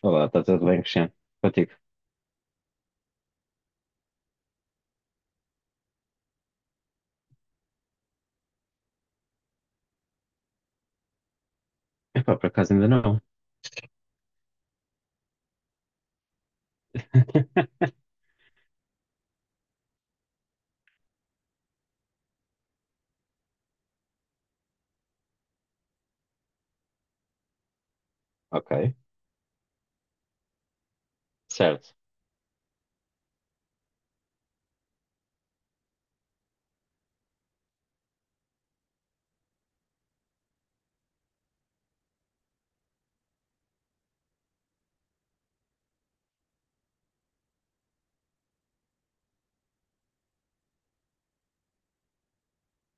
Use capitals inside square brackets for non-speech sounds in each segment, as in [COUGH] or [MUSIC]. Olá, está tudo bem, Cristiano? Contigo? Epá, por acaso ainda não. [LAUGHS] Ok, certo,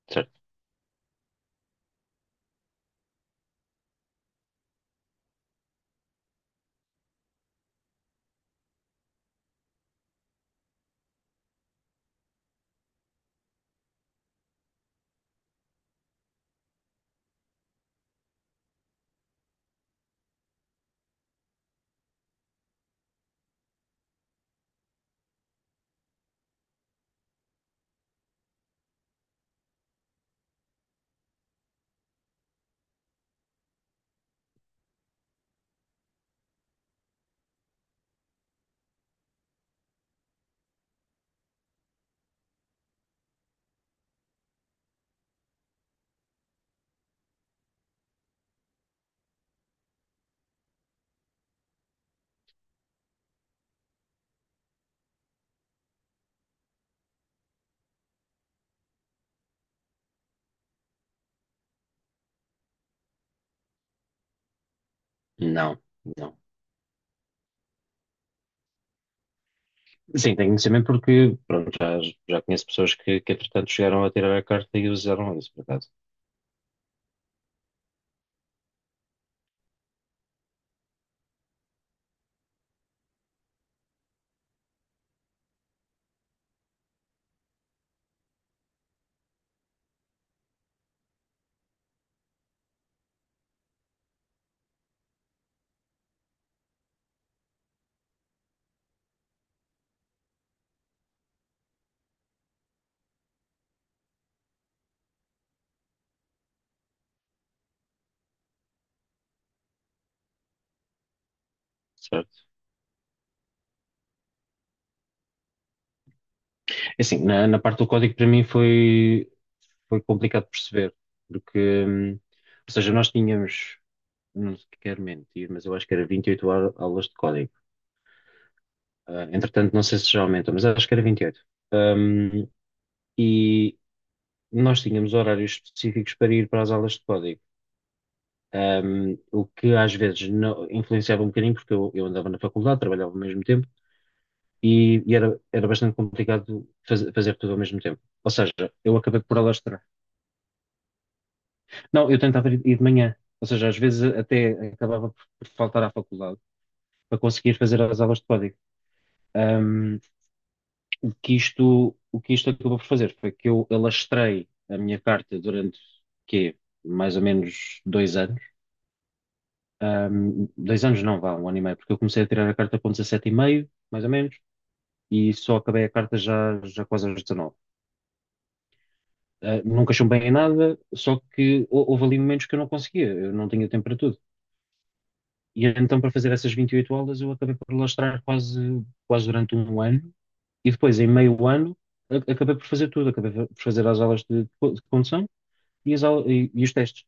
certo. Não, não. Sim, tenho conhecimento porque, pronto, já conheço pessoas que entretanto chegaram a tirar a carta e usaram isso, por acaso. Certo. É assim, na parte do código para mim foi complicado de perceber, porque, ou seja, nós tínhamos, não quero mentir, mas eu acho que era 28 aulas de código. Ah, entretanto, não sei se já aumentou, mas acho que era 28. Hum, e nós tínhamos horários específicos para ir para as aulas de código. O que às vezes influenciava um bocadinho, porque eu andava na faculdade, trabalhava ao mesmo tempo e era bastante complicado fazer tudo ao mesmo tempo. Ou seja, eu acabei por alastrar. Não, eu tentava ir de manhã, ou seja, às vezes até acabava por faltar à faculdade para conseguir fazer as aulas de código. Um, o que isto acabou por fazer foi que eu alastrei a minha carta durante, quê? Mais ou menos 2 anos. Dois anos não, vá, um ano e meio, porque eu comecei a tirar a carta com 17 e meio mais ou menos, e só acabei a carta já, já quase aos 19. Nunca chumbei em nada, só que houve ali momentos que eu não conseguia, eu não tinha tempo para tudo. E então, para fazer essas 28 aulas, eu acabei por lastrar quase, quase durante um ano, e depois, em meio ano, acabei por fazer tudo, acabei por fazer as aulas de condução e, as aulas, e os testes.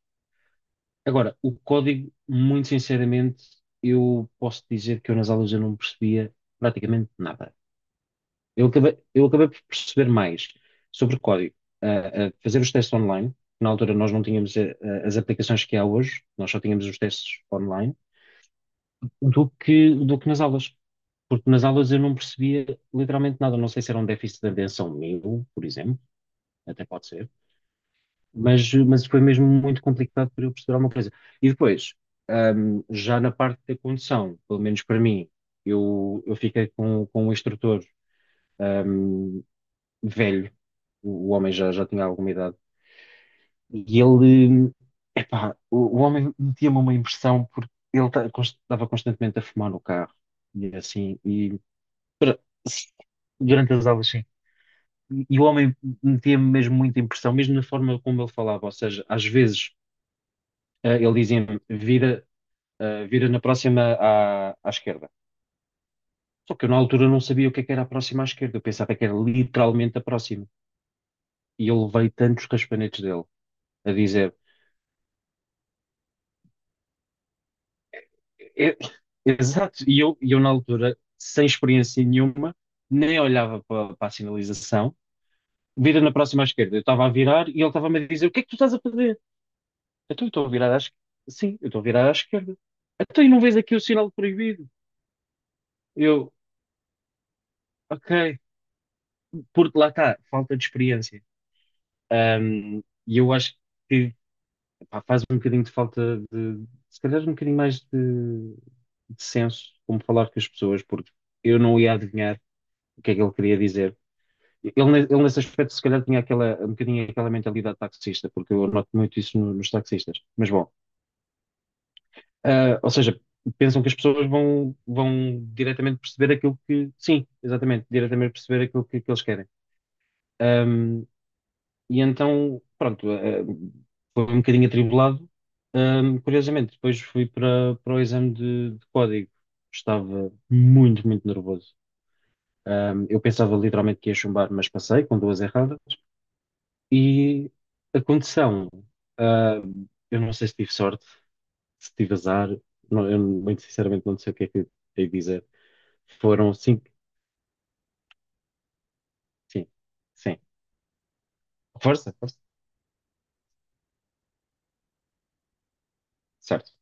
Agora, o código, muito sinceramente, eu posso dizer que eu nas aulas eu não percebia praticamente nada. Eu acabei por perceber mais sobre código, a fazer os testes online. Na altura nós não tínhamos as aplicações que há hoje, nós só tínhamos os testes online, do que nas aulas. Porque nas aulas eu não percebia literalmente nada. Não sei se era um déficit de atenção meu, por exemplo, até pode ser. Mas foi mesmo muito complicado para eu perceber alguma coisa. E depois, já na parte da condução, pelo menos para mim, eu fiquei com um instrutor, ahm, velho, o homem já tinha alguma idade, e ele, epá, o homem metia-me uma impressão porque ele estava constantemente a fumar no carro, e assim, e pra- durante as aulas, sim. E o homem metia-me mesmo muita impressão, mesmo na forma como ele falava, ou seja, às vezes ele dizia-me, vira, vira na próxima à esquerda. Só que eu na altura não sabia o que é que era a próxima à esquerda, eu pensava que era literalmente a próxima. E eu levei tantos raspanetes dele a dizer, "É- é, exato, e eu na altura, sem experiência nenhuma, nem olhava para a sinalização, vira na próxima à esquerda. Eu estava a virar e ele estava-me a dizer, o que é que tu estás a fazer? Então, eu estou a virar à esquerda. Sim, eu estou a virar à esquerda. Então, e não vês aqui o sinal proibido? Eu, ok, porque lá está, falta de experiência. Um, e eu acho que pá, faz um bocadinho de falta de, se calhar, um bocadinho mais de senso como falar com as pessoas, porque eu não ia adivinhar o que é que ele queria dizer. Ele nesse aspecto, se calhar, tinha aquela, um bocadinho aquela mentalidade taxista, porque eu noto muito isso nos taxistas. Mas bom, ou seja, pensam que as pessoas vão diretamente perceber aquilo que. Sim, exatamente, diretamente perceber aquilo que eles querem. E então, pronto, foi um bocadinho atribulado. Curiosamente, depois fui para o exame de código. Estava muito, muito nervoso. Eu pensava literalmente que ia chumbar, mas passei com duas erradas. E a condição, ah, eu não sei se tive sorte, se tive azar, eu muito sinceramente não sei o que é que hei de dizer. Foram cinco, sim, sim. Força, força. Certo.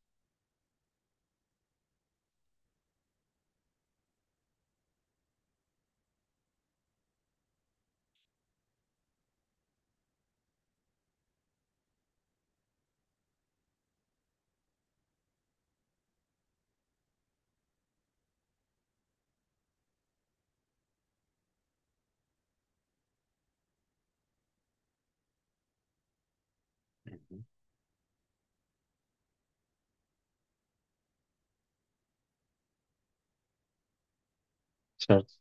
Uhum. Certo.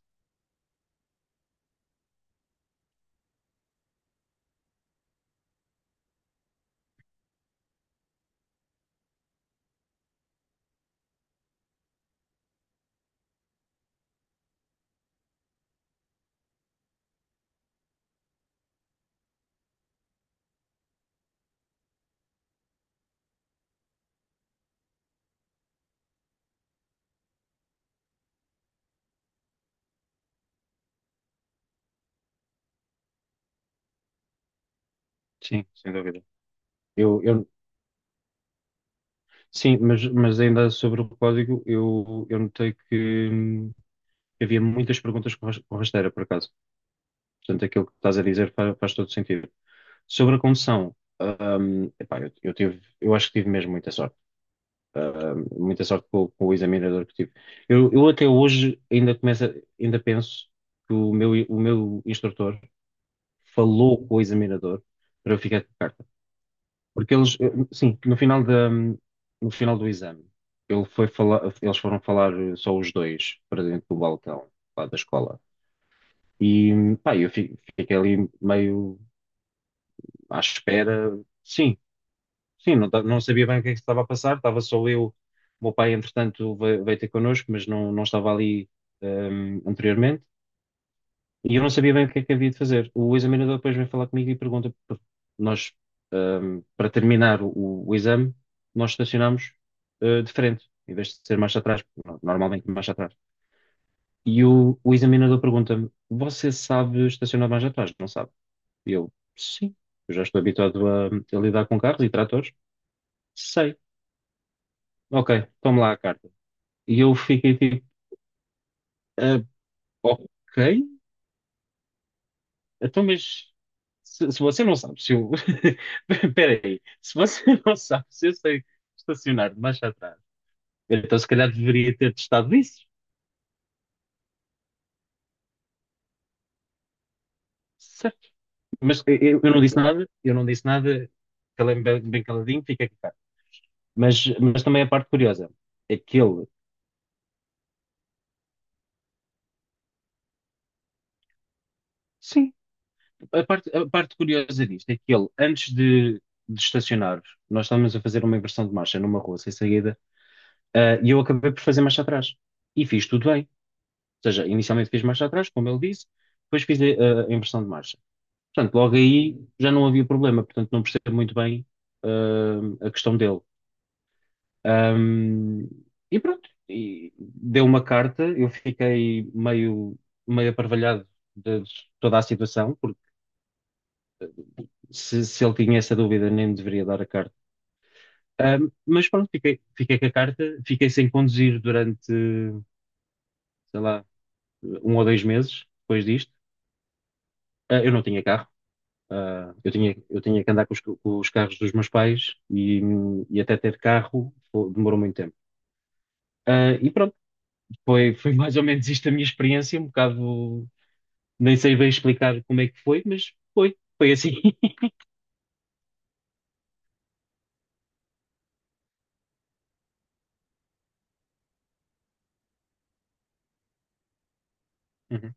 Sim, sem dúvida. Eu, eu, Sim, mas ainda sobre o código, eu notei que havia muitas perguntas com com rasteira, por acaso. Portanto, aquilo que estás a dizer faz todo sentido. Sobre a condução, epá, eu acho que tive mesmo muita sorte. Muita sorte com o examinador que tive. Eu até hoje ainda ainda penso que o meu instrutor falou com o examinador para eu ficar com a carta. Porque eles, sim, no final do exame, ele foi falar, eles foram falar só os dois para dentro do balcão lá da escola. E pá, eu fiquei ali meio à espera. Sim, sim, não, não sabia bem o que é que se estava a passar, estava só eu. O meu pai, entretanto, veio ter connosco, mas não, não estava ali, anteriormente. E eu não sabia bem o que é que havia de fazer. O examinador depois vem falar comigo e pergunta, nós, para terminar o exame, nós estacionámos, de frente, em vez de ser marcha atrás, normalmente marcha atrás. E o examinador pergunta-me, você sabe estacionar mais atrás? Não sabe? E eu, sim, eu já estou habituado a lidar com carros e tratores. Sei. Ok, tome lá a carta. E eu fiquei tipo, ah, ok, então, mas se você não sabe, se eu. [LAUGHS] Espera aí. Se você [LAUGHS] não sabe, se eu sei estacionar de marcha atrás, então se calhar deveria ter testado isso. Certo? Mas eu não disse nada, eu não disse nada, calei-me bem, bem caladinho, fica aqui. Mas também a parte curiosa é que ele. Sim, a parte curiosa disto é que ele, antes de estacionar, nós estávamos a fazer uma inversão de marcha numa rua sem saída, e eu acabei por fazer marcha atrás. E fiz tudo bem. Ou seja, inicialmente fiz marcha atrás, como ele disse, depois fiz a inversão de marcha. Portanto, logo aí já não havia problema, portanto não percebo muito bem a questão dele. Ahm, e pronto, e deu uma carta, eu fiquei meio, meio aparvalhado de toda a situação, porque se ele tinha essa dúvida nem me deveria dar a carta. Mas pronto, fiquei, fiquei com a carta, fiquei sem conduzir durante, sei lá, um ou dois meses depois disto. Eu não tinha carro. Eu tinha, eu tinha que andar com os carros dos meus pais e até ter carro demorou muito tempo. E pronto, foi mais ou menos isto a minha experiência, um bocado, nem sei bem explicar como é que foi, mas foi assim. [LAUGHS] Uhum,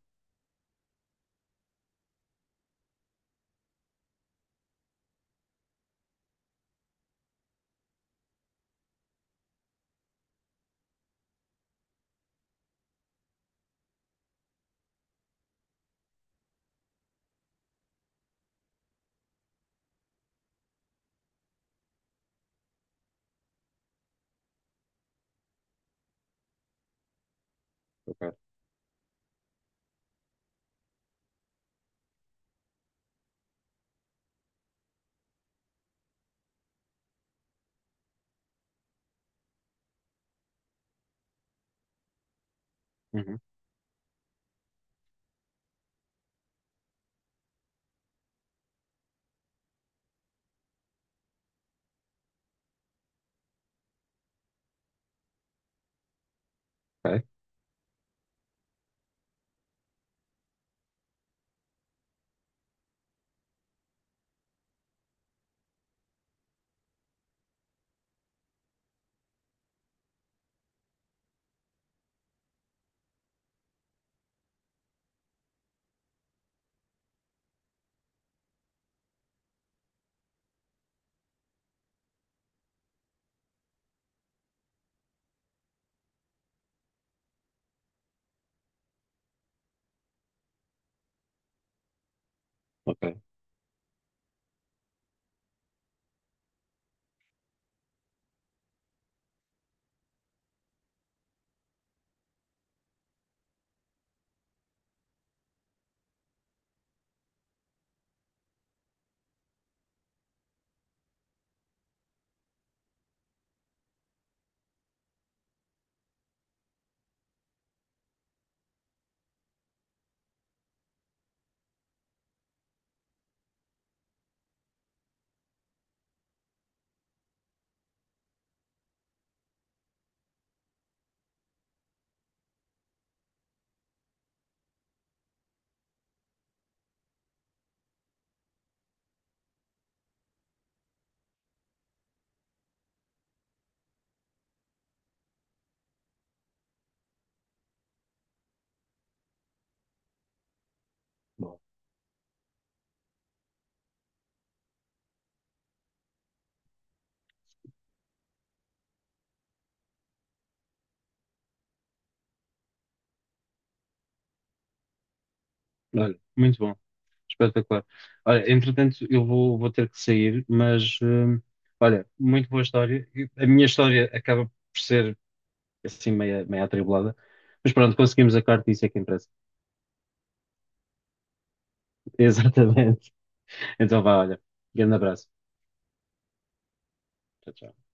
ok, uhum, ok, ok, bom. Olha, muito bom, espetacular. Olha, entretanto, eu vou ter que sair, mas olha, muito boa história. E a minha história acaba por ser assim meia, meia atribulada, mas pronto, conseguimos a carta e isso é que interessa. [LAUGHS] Exatamente. Então vá, olha. Grande abraço. Tchau, tchau.